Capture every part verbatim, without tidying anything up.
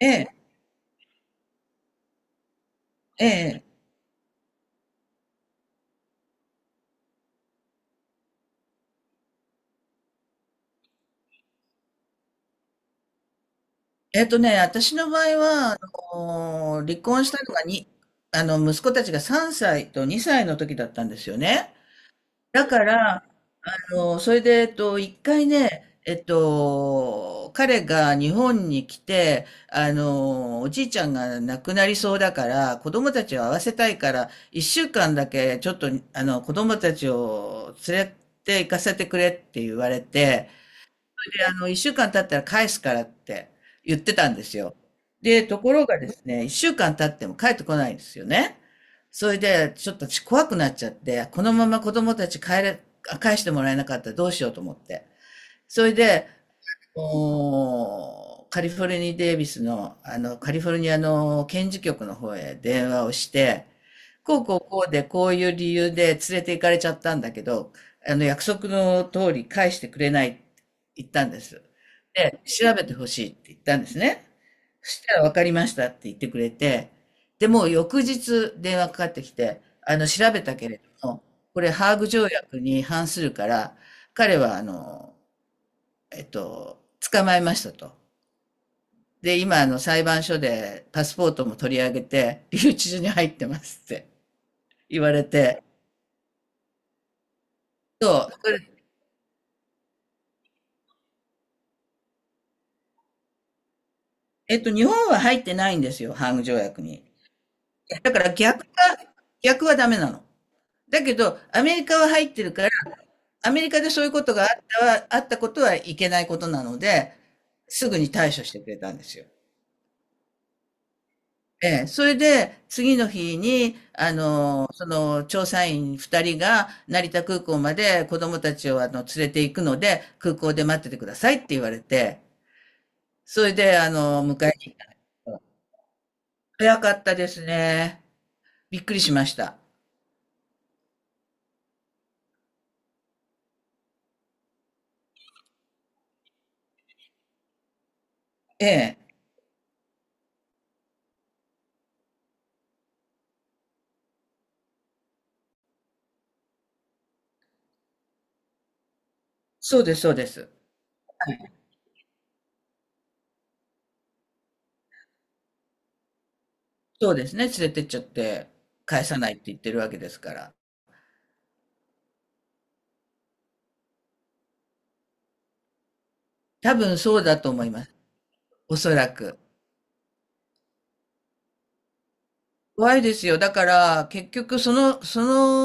ええ、ええ。えっとね、私の場合は、あの離婚したのがに、あの、息子たちがさんさいとにさいの時だったんですよね。だから、あの、それで、えっと、一回ね、えっと、彼が日本に来て、あの、おじいちゃんが亡くなりそうだから、子供たちを会わせたいから、一週間だけ、ちょっと、あの、子供たちを連れて行かせてくれって言われて、で、あの、一週間経ったら返すからって言ってたんですよ。で、ところがですね、一週間経っても帰ってこないんですよね。それで、ちょっと私怖くなっちゃって、このまま子供たち帰れ、返してもらえなかったらどうしようと思って。それで、もう、カリフォルニー・デイビスの、あの、カリフォルニアの検事局の方へ電話をして、こうこうこうでこういう理由で連れて行かれちゃったんだけど、あの、約束の通り返してくれないって言ったんです。で、調べてほしいって言ったんですね。そしたら分かりましたって言ってくれて、で、もう翌日電話かかってきて、あの、調べたけれども、これハーグ条約に反するから、彼はあの、えっと、捕まえましたと。で、今、あの、裁判所でパスポートも取り上げて、留置所に入ってますって言われて、そう、それえっと、日本は入ってないんですよ、ハーグ条約に。だから逆が、逆はダメなの。だけど、アメリカは入ってるから、アメリカでそういうことがあったは、あったことはいけないことなので、すぐに対処してくれたんですよ。ええ、それで、次の日に、あの、その、調査員ふたりが成田空港まで子供たちを、あの、連れて行くので、空港で待っててくださいって言われて、それで、あの、迎えに、早かったですね。びっくりしました。ええ、そうです、そうです。そうですね、連れてっちゃって、返さないって言ってるわけですから。多分そうだと思います。おそらく。怖いですよ。だから、結局、その、そ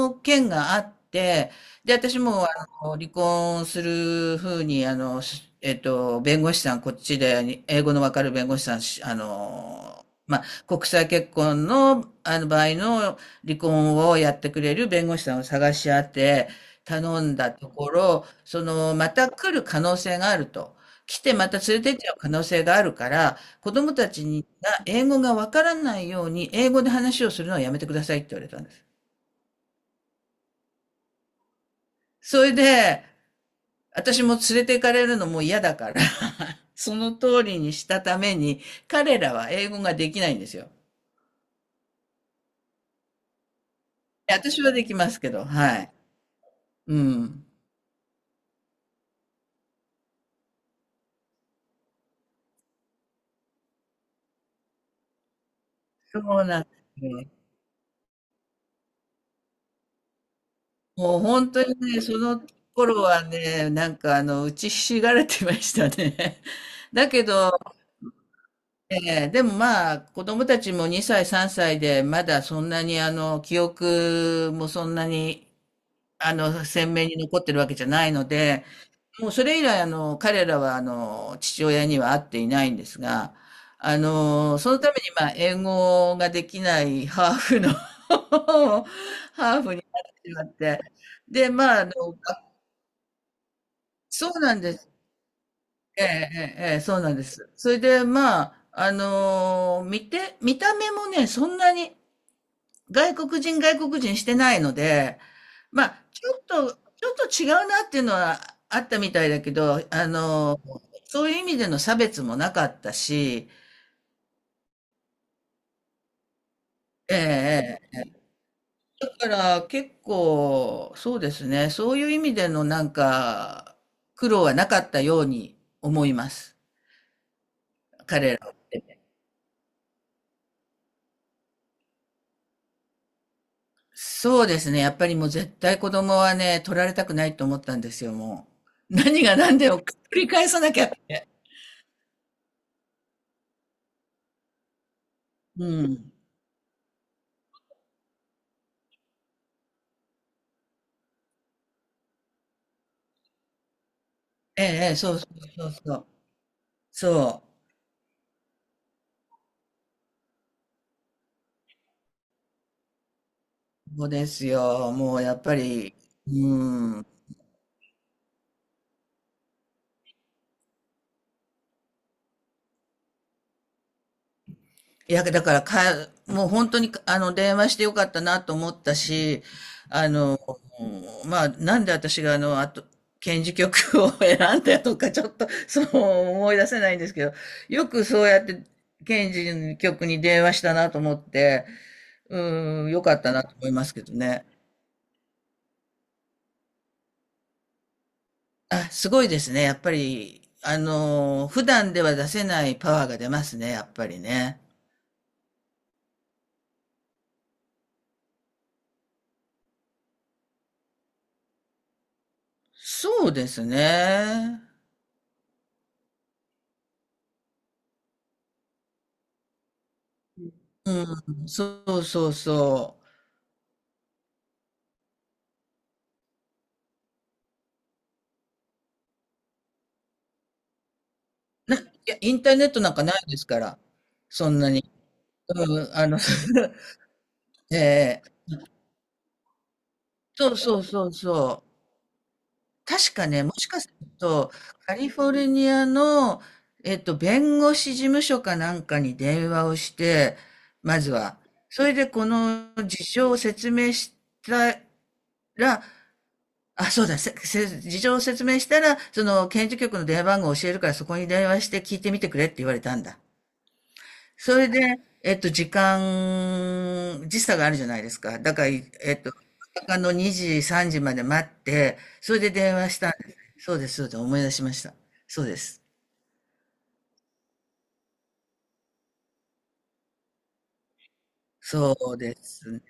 の件があって、で、私も、あの、離婚するふうに、あの、しえっと、弁護士さん、こっちで、に英語のわかる弁護士さん、しあの、まあ、国際結婚の、あの、場合の離婚をやってくれる弁護士さんを探し当て、頼んだところ、その、また来る可能性があると。来てまた連れてっちゃう可能性があるから、子供たちに英語がわからないように、英語で話をするのはやめてくださいって言われたんです。それで、私も連れて行かれるのも嫌だから その通りにしたために、彼らは英語ができないんですよ。私はできますけど、はい。うん。そうなんですね。もう本当にね、その頃はね、なんかあの、打ちひしがれてましたね。だけど、ええ、でもまあ、子供たちもにさい、さんさいで、まだそんなにあの、記憶もそんなに、あの、鮮明に残ってるわけじゃないので、もうそれ以来、あの、彼らは、あの、父親には会っていないんですが、あの、そのために、まあ、英語ができないハーフの を始まって、で、まあ、あの、そうなんです。ええ、ええ、ええそうなんです。それで、まあ、あのー見て、見た目もね、そんなに、外国人外国人してないので、まあ、ちょっと、ちょっと違うなっていうのはあったみたいだけど、あの、そういう意味での差別もなかったし、ええだから結構、そうですね、そういう意味でのなんか、苦労はなかったように思います。そうですね、やっぱりもう絶対子供はね、取られたくないと思ったんですよ、もう。何が何でも繰り返さなきゃって。うん。ええ、ええそうそうそうそう。そう。そうですよ。もうやっぱり、うん。いや、だからか、もう本当に、あの、電話してよかったなと思ったし、あの、まあ、なんで私があの、あと、検事局を 選んだとか、ちょっと、そう思い出せないんですけど、よくそうやって、検事局に電話したなと思って、うん、よかったなと思いますけどね。あ、すごいですね。やっぱり、あの、普段では出せないパワーが出ますね、やっぱりね。そうですね。うん、そうそうそう。な、いや、インターネットなんかないですから、そんなに。うん、あの ええそうそうそうそう。確かね、もしかすると、カリフォルニアの、えっと、弁護士事務所かなんかに電話をして、まずは。それでこの事情を説明したら、あ、そうだ、せせ事情を説明したら、その、検事局の電話番号を教えるから、そこに電話して聞いてみてくれって言われたんだ。それで、えっと、時間、時差があるじゃないですか。だから、いえっと、夜中のにじ、さんじまで待って、それで電話したんです。そうです、そうです、思い出しました。そうです。そうですね。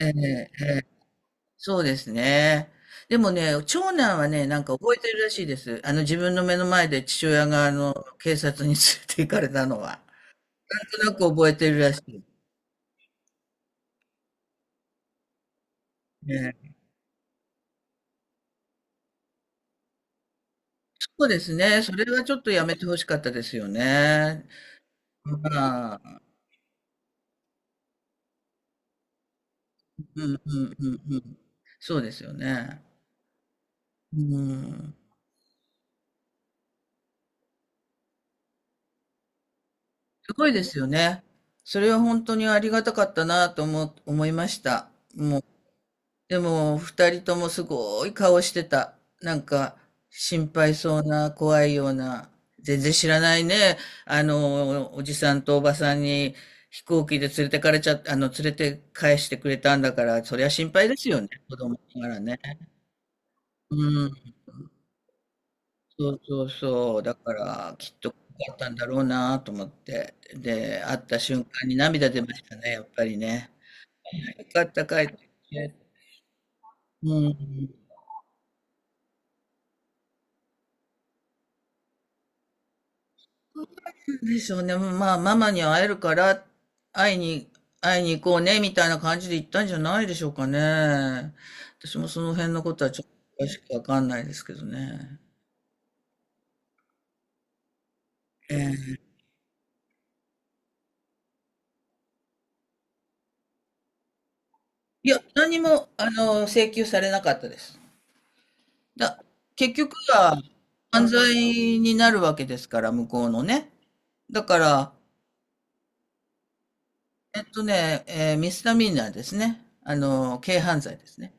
ええ、そうですね。でもね、長男はね、なんか覚えてるらしいです。あの、自分の目の前で父親が、あの、警察に連れて行かれたのは。なんとなく覚えてるらしい。ね。そうですね。それはちょっとやめて欲しかったですよね。まあ、うんうんうんうん。そうですよね。うん。すごいですよね。それは本当にありがたかったなと思、思いました。でも、二人ともすごい顔してた。なんか、心配そうな、怖いような、全然知らないね。あの、おじさんとおばさんに飛行機で連れてかれちゃっあの、連れて返してくれたんだから、そりゃ心配ですよね、子供ながらね。うん、そうそうそう。だから、きっと怖かったんだろうなと思って。で、会った瞬間に涙出ましたね、やっぱりね。よかった、帰ってきて。うん。でしょうね。まあ、ママに会えるから、会いに、会いに行こうね、みたいな感じで行ったんじゃないでしょうかね。私もその辺のことはちょっと詳しくわかんないですけどね。ええいや、何も、あの、請求されなかったです。だ、結局は、犯罪になるわけですから、向こうのね。だから、えっとね、えーミスタミナーですね。あの、軽犯罪ですね。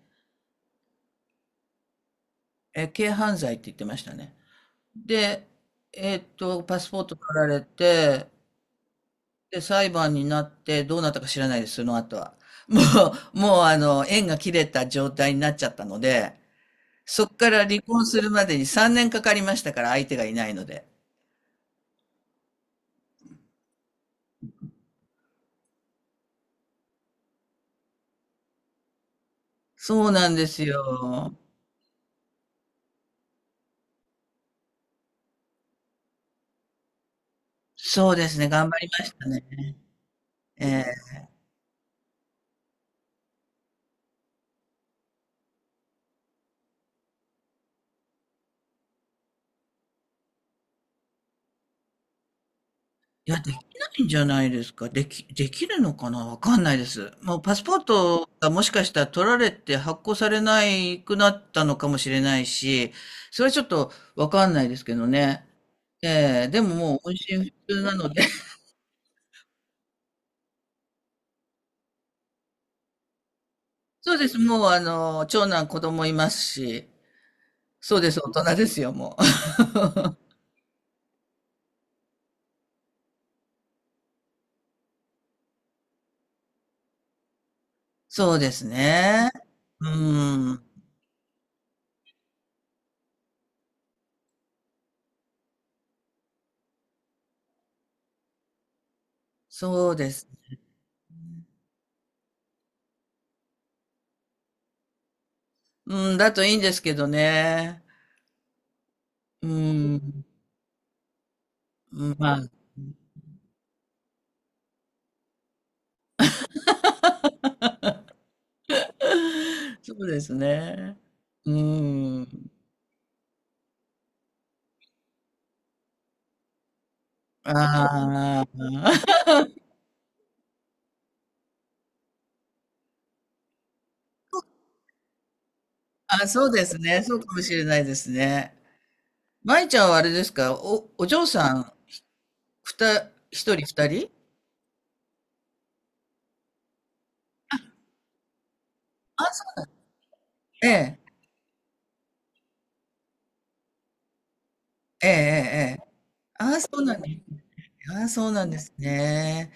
えー軽犯罪って言ってましたね。で、えーっと、パスポート取られて、で、裁判になってどうなったか知らないです、その後は。もう、もうあの、縁が切れた状態になっちゃったので、そこから離婚するまでにさんねんかかりましたから、相手がいないので。そうなんですよ。そうですね、頑張りましたね。ええいや、できないんじゃないですか。でき、できるのかなわかんないです。もうパスポートがもしかしたら取られて発行されないくなったのかもしれないし、それはちょっとわかんないですけどね。ええでももう音信不通なので。そうです。もうあの、長男子供いますし、そうです。大人ですよ、もう。そうですね。うん。そうです。うん、だといいんですけどね。うん。うんまあ、そうですね。うーん。ああ。あ、そうですね。そうかもしれないですね。舞ちゃんはあれですか、お、お嬢さん、ふた、一人二人？ええ。ええええええ。ああ、そうなんですね。ああ、そうなんですね。